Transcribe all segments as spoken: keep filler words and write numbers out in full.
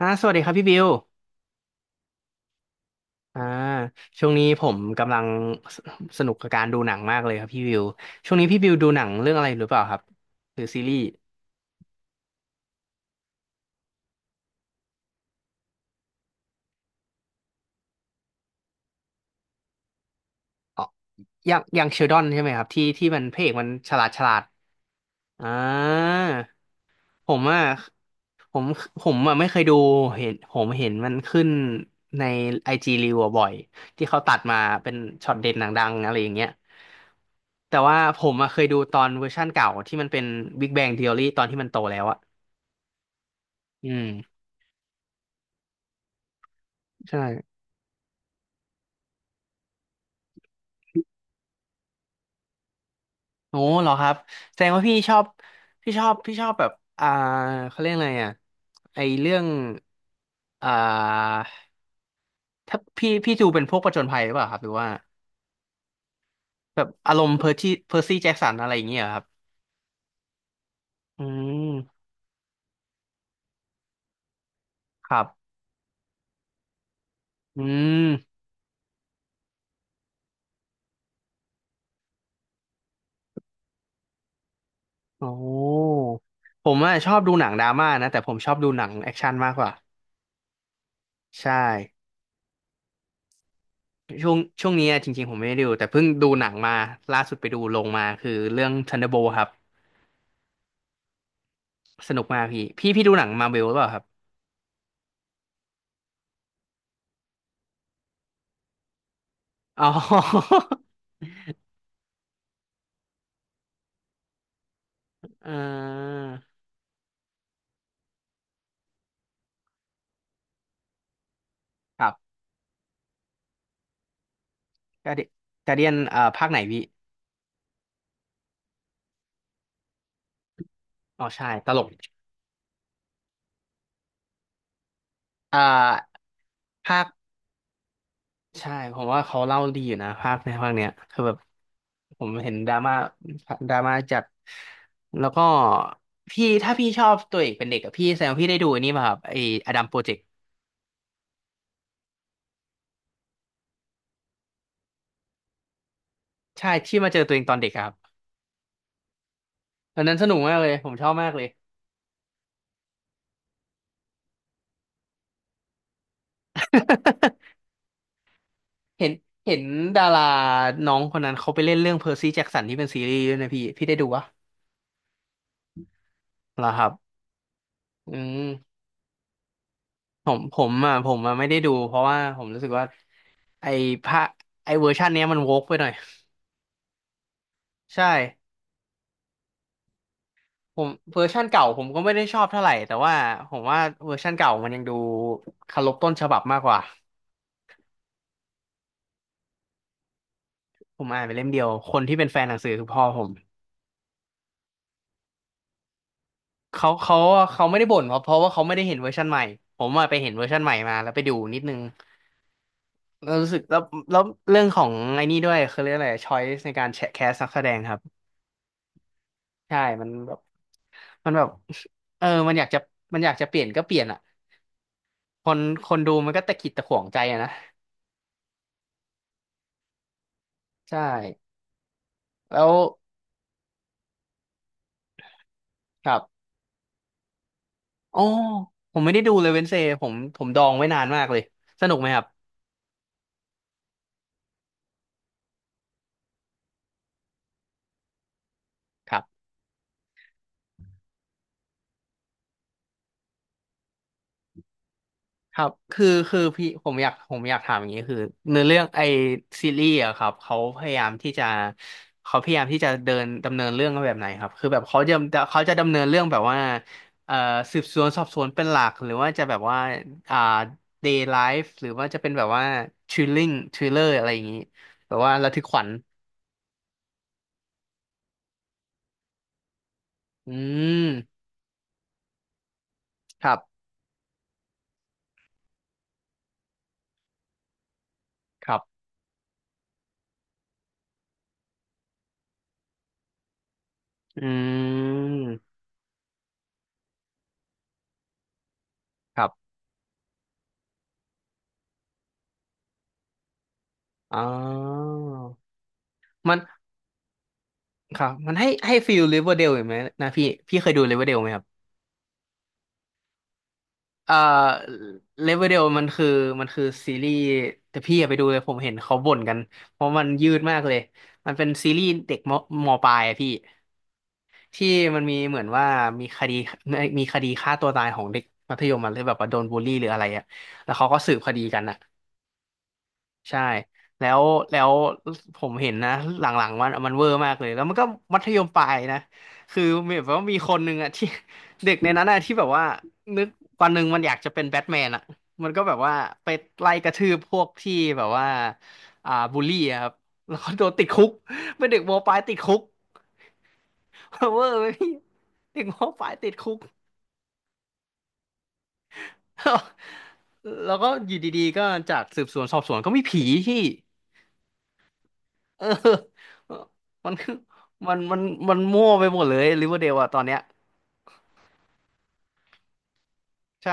อ่าสวัสดีครับพี่บิวอ่าช่วงนี้ผมกำลังสสนุกกับการดูหนังมากเลยครับพี่บิวช่วงนี้พี่บิวดูหนังเรื่องอะไรหรือเปล่าครับหรือซีรีส์อ๋ออย่างอย่างเชลดอนใช่ไหมครับที่ที่มันพระเอกมันฉลาดฉลาดอ่าผมอ่ะผมผมอ่ะไม่เคยดูเห็นผมเห็นมันขึ้นในไอจีรีวบ่อยที่เขาตัดมาเป็นช็อตเด็ดหนังดังอะไรอย่างเงี้ยแต่ว่าผมอะเคยดูตอนเวอร์ชั่นเก่าที่มันเป็น Big Bang Theory ตอนที่มันโตแล้วอะ อืมใช่โอ้เหรอครับแสดงว่าพี่ชอบพี่ชอบพี่ชอบแบบอ่าเขาเรียกอะไรอ่ะไอเรื่องอ่าถ้าพี่พี่ดูเป็นพวกผจญภัยหรือเปล่าครับหรือว่าแบบอารมณ์เพอร์ที่เพอร์ซี่แจ็คสันอะไรอย่างเงี้ยเหรอครับอืมครับอืมโอ้ผมอะชอบดูหนังดราม่านะแต่ผมชอบดูหนังแอคชั่นมากกว่าใช่ช่วงช่วงนี้อะจริงๆผมไม่ได้ดูแต่เพิ่งดูหนังมาล่าสุดไปดูลงมาคือเรื่อง Thunderbolt ครับ สนุกมากพี่พี่พี่ดูหนังมาเวลหรือเปล่าครับอ๋อ เออครับการ์เดียการ์เดียนเอ่อภาคไหนพี่อ๋อใช่ตลกเอ่าภาคใช่ผมว่าเขาเล่าดีอยู่นะภาคในภาคเนี้ยคือแบบผมเห็นดราม่าดราม่าจัดแล้วก็พี่ถ้าพี่ชอบตัวเอกเป็นเด็กอะพี่แสดงว่าพี่ได้ดูอันนี้ป่ะครับไอ้อดัมโปรเจกต์ใช่ที่มาเจอตัวเองตอนเด็กอะครับตอนนั้นสนุกมากเลยผมชอบมากเลย เห็นเห็นดาราน้องคนนั้นเขาไปเล่นเรื่องเพอร์ซี่แจ็คสันที่เป็นซีรีส์ด้วยนะพี่พี่ได้ดูวะเหรอครับอืมผมผมอ่ะผมอ่ะไม่ได้ดูเพราะว่าผมรู้สึกว่าไอ้พระไอ้เวอร์ชันเนี้ยมันโวกไปหน่อยใช่ผมเวอร์ชันเก่าผมก็ไม่ได้ชอบเท่าไหร่แต่ว่าผมว่าเวอร์ชันเก่ามันยังดูเคารพต้นฉบับมากกว่าผมอ่านไปเล่มเดียวคนที่เป็นแฟนหนังสือคือพ่อผมเขาเขาเขาไม่ได้บ่นเพราะเพราะว่าเขาไม่ได้เห็นเวอร์ชันใหม่ผมอะไปเห็นเวอร์ชันใหม่มาแล้วไปดูนิดนึง เรารู้สึกแล้วแล้วเรื่องของไอ้นี่ด้วยคือเรื่องอะไรช้อยส์ในการแชะแคสนักแสดงครับใช่มันแบบมันแบบเออมันอยากจะมันอยากจะเปลี่ยนก็เปลี่ยนอ่ะคนคนดูมันก็ตะขิดตะขวงใจอะนะใช่แล้วครับอ๋อผมไม่ได้ดูเลยเวนเซผมผมดองไว้นานมากเลยสนุกไหมครับครับ ครับคือคือพี่ผมอยากผมอยากถามอย่างนี้คือเนื้อเรื่องไอซีรีส์อะครับเขาพยายามที่จะเขาพยายามที่จะเดินดำเนินเรื่องแบบไหนครับคือแบบเขาจะเขาจะดำเนินเรื่องแบบว่าเอ่อสืบสวนสอบสวนเป็นหลักหรือว่าจะแบบว่าอ่า day life หรือว่าจะเป็นแบบว่า thrilling thriller อะไรอย่างนี้แบบว่าระทึกขวัญอืมครับครับอืมครับอ๋อมัน ครับมันให้ให้ฟีลลิเวอร์เดลเห็นไหมนะพี่พี่เคยดูลิเวอร์เดลไหมครับเอ่อเลเวอเดลมันคือมันคือซีรีส์แต่พี่อย่าไปดูเลยผมเห็นเขาบ่นกันเพราะมันยืดมากเลยมันเป็นซีรีส์เด็กมมปลายอะพี่ที่มันมีเหมือนว่ามีคดีมีคดีฆ่าตัวตายของเด็กมัธยมมันเลยแบบว่าโดนบูลลี่หรืออะไรอะแล้วเขาก็สืบคดีกันอะ ใช่แล้วแล้วผมเห็นนะหลังๆมันมันเวอร์มากเลยแล้วมันก็มัธยมปลายนะคือมีแบบว่ามีคนหนึ่งอะ ที่ เด็กในนั้นอะที่แบบว่านึกวันหนึ่งมันอยากจะเป็นแบทแมนอะมันก็แบบว่าไปไล่กระทืบพวกที่แบบว่าอ่าบูลลี่อะครับแล้วก็โดนติดคุกเป็นเด็กมปลายติดคุก เวอร์ไหมพี่เด็กมปลายติดคุก แล้วก็อยู่ดีๆก็จากสืบสวนสอบสวนก็มีผีพี่ เออมันมันมันมันมั่วไปหมดเลยริเวอร์เดลอะตอนเนี้ยใช่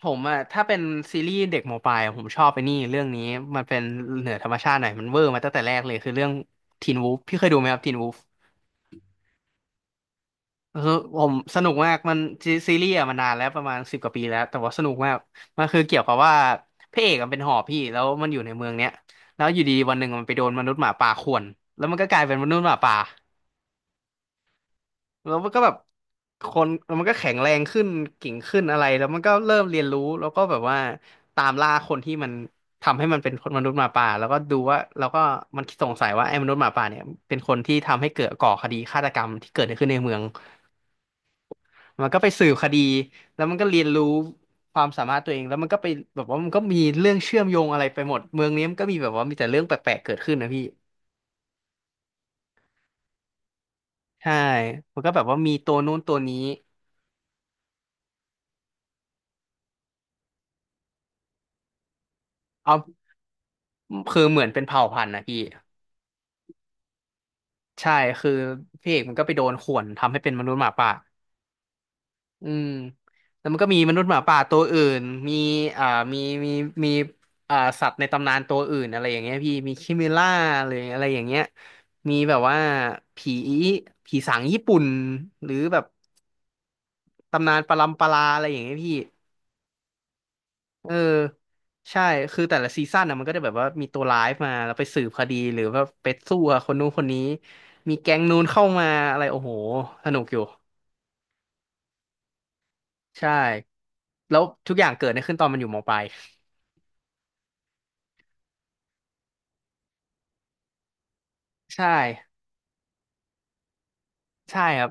ผมอะถ้าเป็นซีรีส์เด็กหมอปลายอะผมชอบไปนี่เรื่องนี้มันเป็นเหนือธรรมชาติหน่อยมันเวอร์มาตั้งแต่แรกเลยคือเรื่องทีนวูฟพี่เคยดูไหมครับทีนวูฟคือผมสนุกมากมันซีซีรีส์อะมานานแล้วประมาณสิบกว่าปีแล้วแต่ว่าสนุกมากมันคือเกี่ยวกับว่าพระเอกมันเป็นหอบพี่แล้วมันอยู่ในเมืองเนี้ยแล้วอยู่ดีๆวันหนึ่งมันไปโดนมนุษย์หมาป่าข่วนแล้วมันก็กลายเป็นมนุษย์หมาป่า แล้วมันก็แบบคนแล้วมันก็แข็งแรงขึ้นเก่งขึ้นอะไรแล้วมันก็เริ่มเรียนรู้แล้วก็แบบว่าตามล่าคนที่มันทำให้มันเป็นมนุษย์หมาป่าแล้วก็ดูว่าแล้วก็มันสงสัยว่าไอ้มนุษย์หมาป่าเนี่ยเป็นคนที่ทำให้เกิดก่อคดีฆาตกรรมที่เกิดขึ้นในเมืองมันก็ไปสืบคดีแล้วมันก็เรียนรู้ความสามารถตัวเองแล้วมันก็ไปแบบว่ามันก็มีเรื่องเชื่อมโยงอะไรไปหมดเมืองนี้มันก็มีแบบว่ามีแต่เรื่องแปลกๆเกิดขึ้นนะพี่ใช่มันก็แบบว่ามีตัวนู้นตัวนี้เอาคือเหมือนเป็นเผ่าพันธุ์นะพี่ ใช่คือพี่เอกมันก็ไปโดนข่วนทำให้เป็นมนุษย์หมาป่าอืมแล้วมันก็มีมนุษย์หมาป่าตัวอื่นมีอ่ามีมีมีอ่าสัตว์ในตำนานตัวอื่นอะไรอย่างเงี้ยพี่มีคิมิล่าหรืออะไรอย่างเงี้ยมีแบบว่าผีผีสางญี่ปุ่นหรือแบบตำนานปรัมปราอะไรอย่างเงี้ยพี่เออใช่คือแต่ละซีซั่นนะมันก็จะแบบว่ามีตัวร้ายมาแล้วไปสืบคดีหรือว่าไปสู้กับคนนู้นคนนี้มีแก๊งนู้นเข้ามาอะไรโอ้โหสนุกอยู่ ใช่แล้วทุกอย่างเกิดขึ้นตอนมันอยู่มปลาย ใช่ใช่ครับ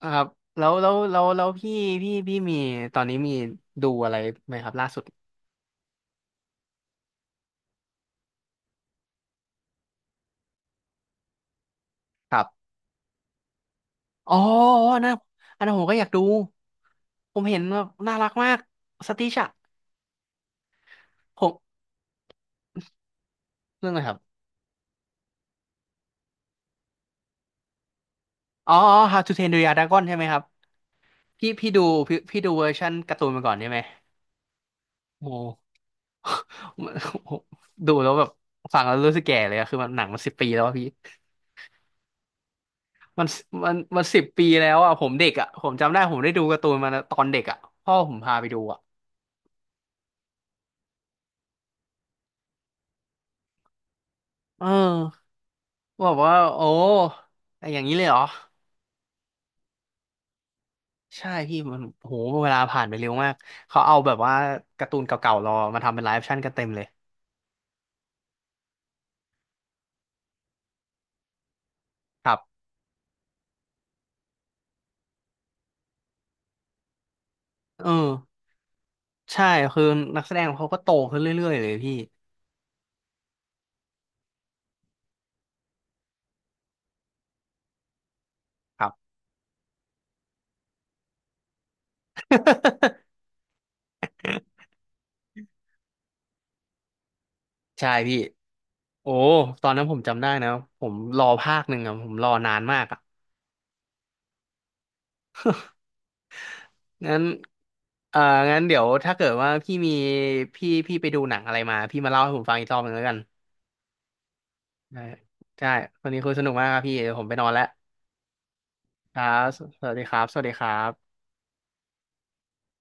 ครับแล้วแล้วแล้วแล้วพี่พี่พี่มีตอนนี้มีดูอะไรไหมครับล่าสุดครับอ๋ออ๋ออันนะอันนั้นผมก็อยากดูผมเห็นว่าน่ารักมากสติชอะผมเรื่องอะไรครับอ๋ออ๋อ How to Train Your Dragon ใช่ไหมครับพี่พี่ดูพี่พี่ดูเวอร์ชันการ์ตูนมาก่อนใช่ไหมโอ้ ดูแล้วแบบฟังแล้วรู้สึกแก่เลยอะคือมันหนังมันสิบปีแล้วอะพี่ มันมันมันสิบปีแล้วอ่ะผมเด็กอ่ะผมจำได้ผมได้ดูการ์ตูนมาตอนเด็กอ่ะพ่อผมพาไปดูอ่ะเออว่าว่าโอ้แต่อย่างนี้เลยเหรอใช่พี่มันโหเวลาผ่านไปเร็วมากเขาเอาแบบว่าการ์ตูนเก่าๆเรามาทำเป็นไลฟ์แอคชั่นกันเต็มเลยครับเออใช่คือนักแสดงเขาก็โตขึ้นเรื่อยๆเลยพี่ครับ ใช่พี่โอ้ตอนนั้นผมจำได้นะผมรอภาคหนึ่งอะผมรอนานมากอะ งั้นเอ่องั้นเดี๋ยวถ้าเกิดว่าพี่มีพี่พี่ไปดูหนังอะไรมาพี่มาเล่าให้ผมฟังอีกรอบหนึ่งแล้วกันได้ใช่วันนี้คุยสนุกมากครับพี่เดี๋ยวผมไปนอนแล้วครับสวัสดีครับสวัสดีครับ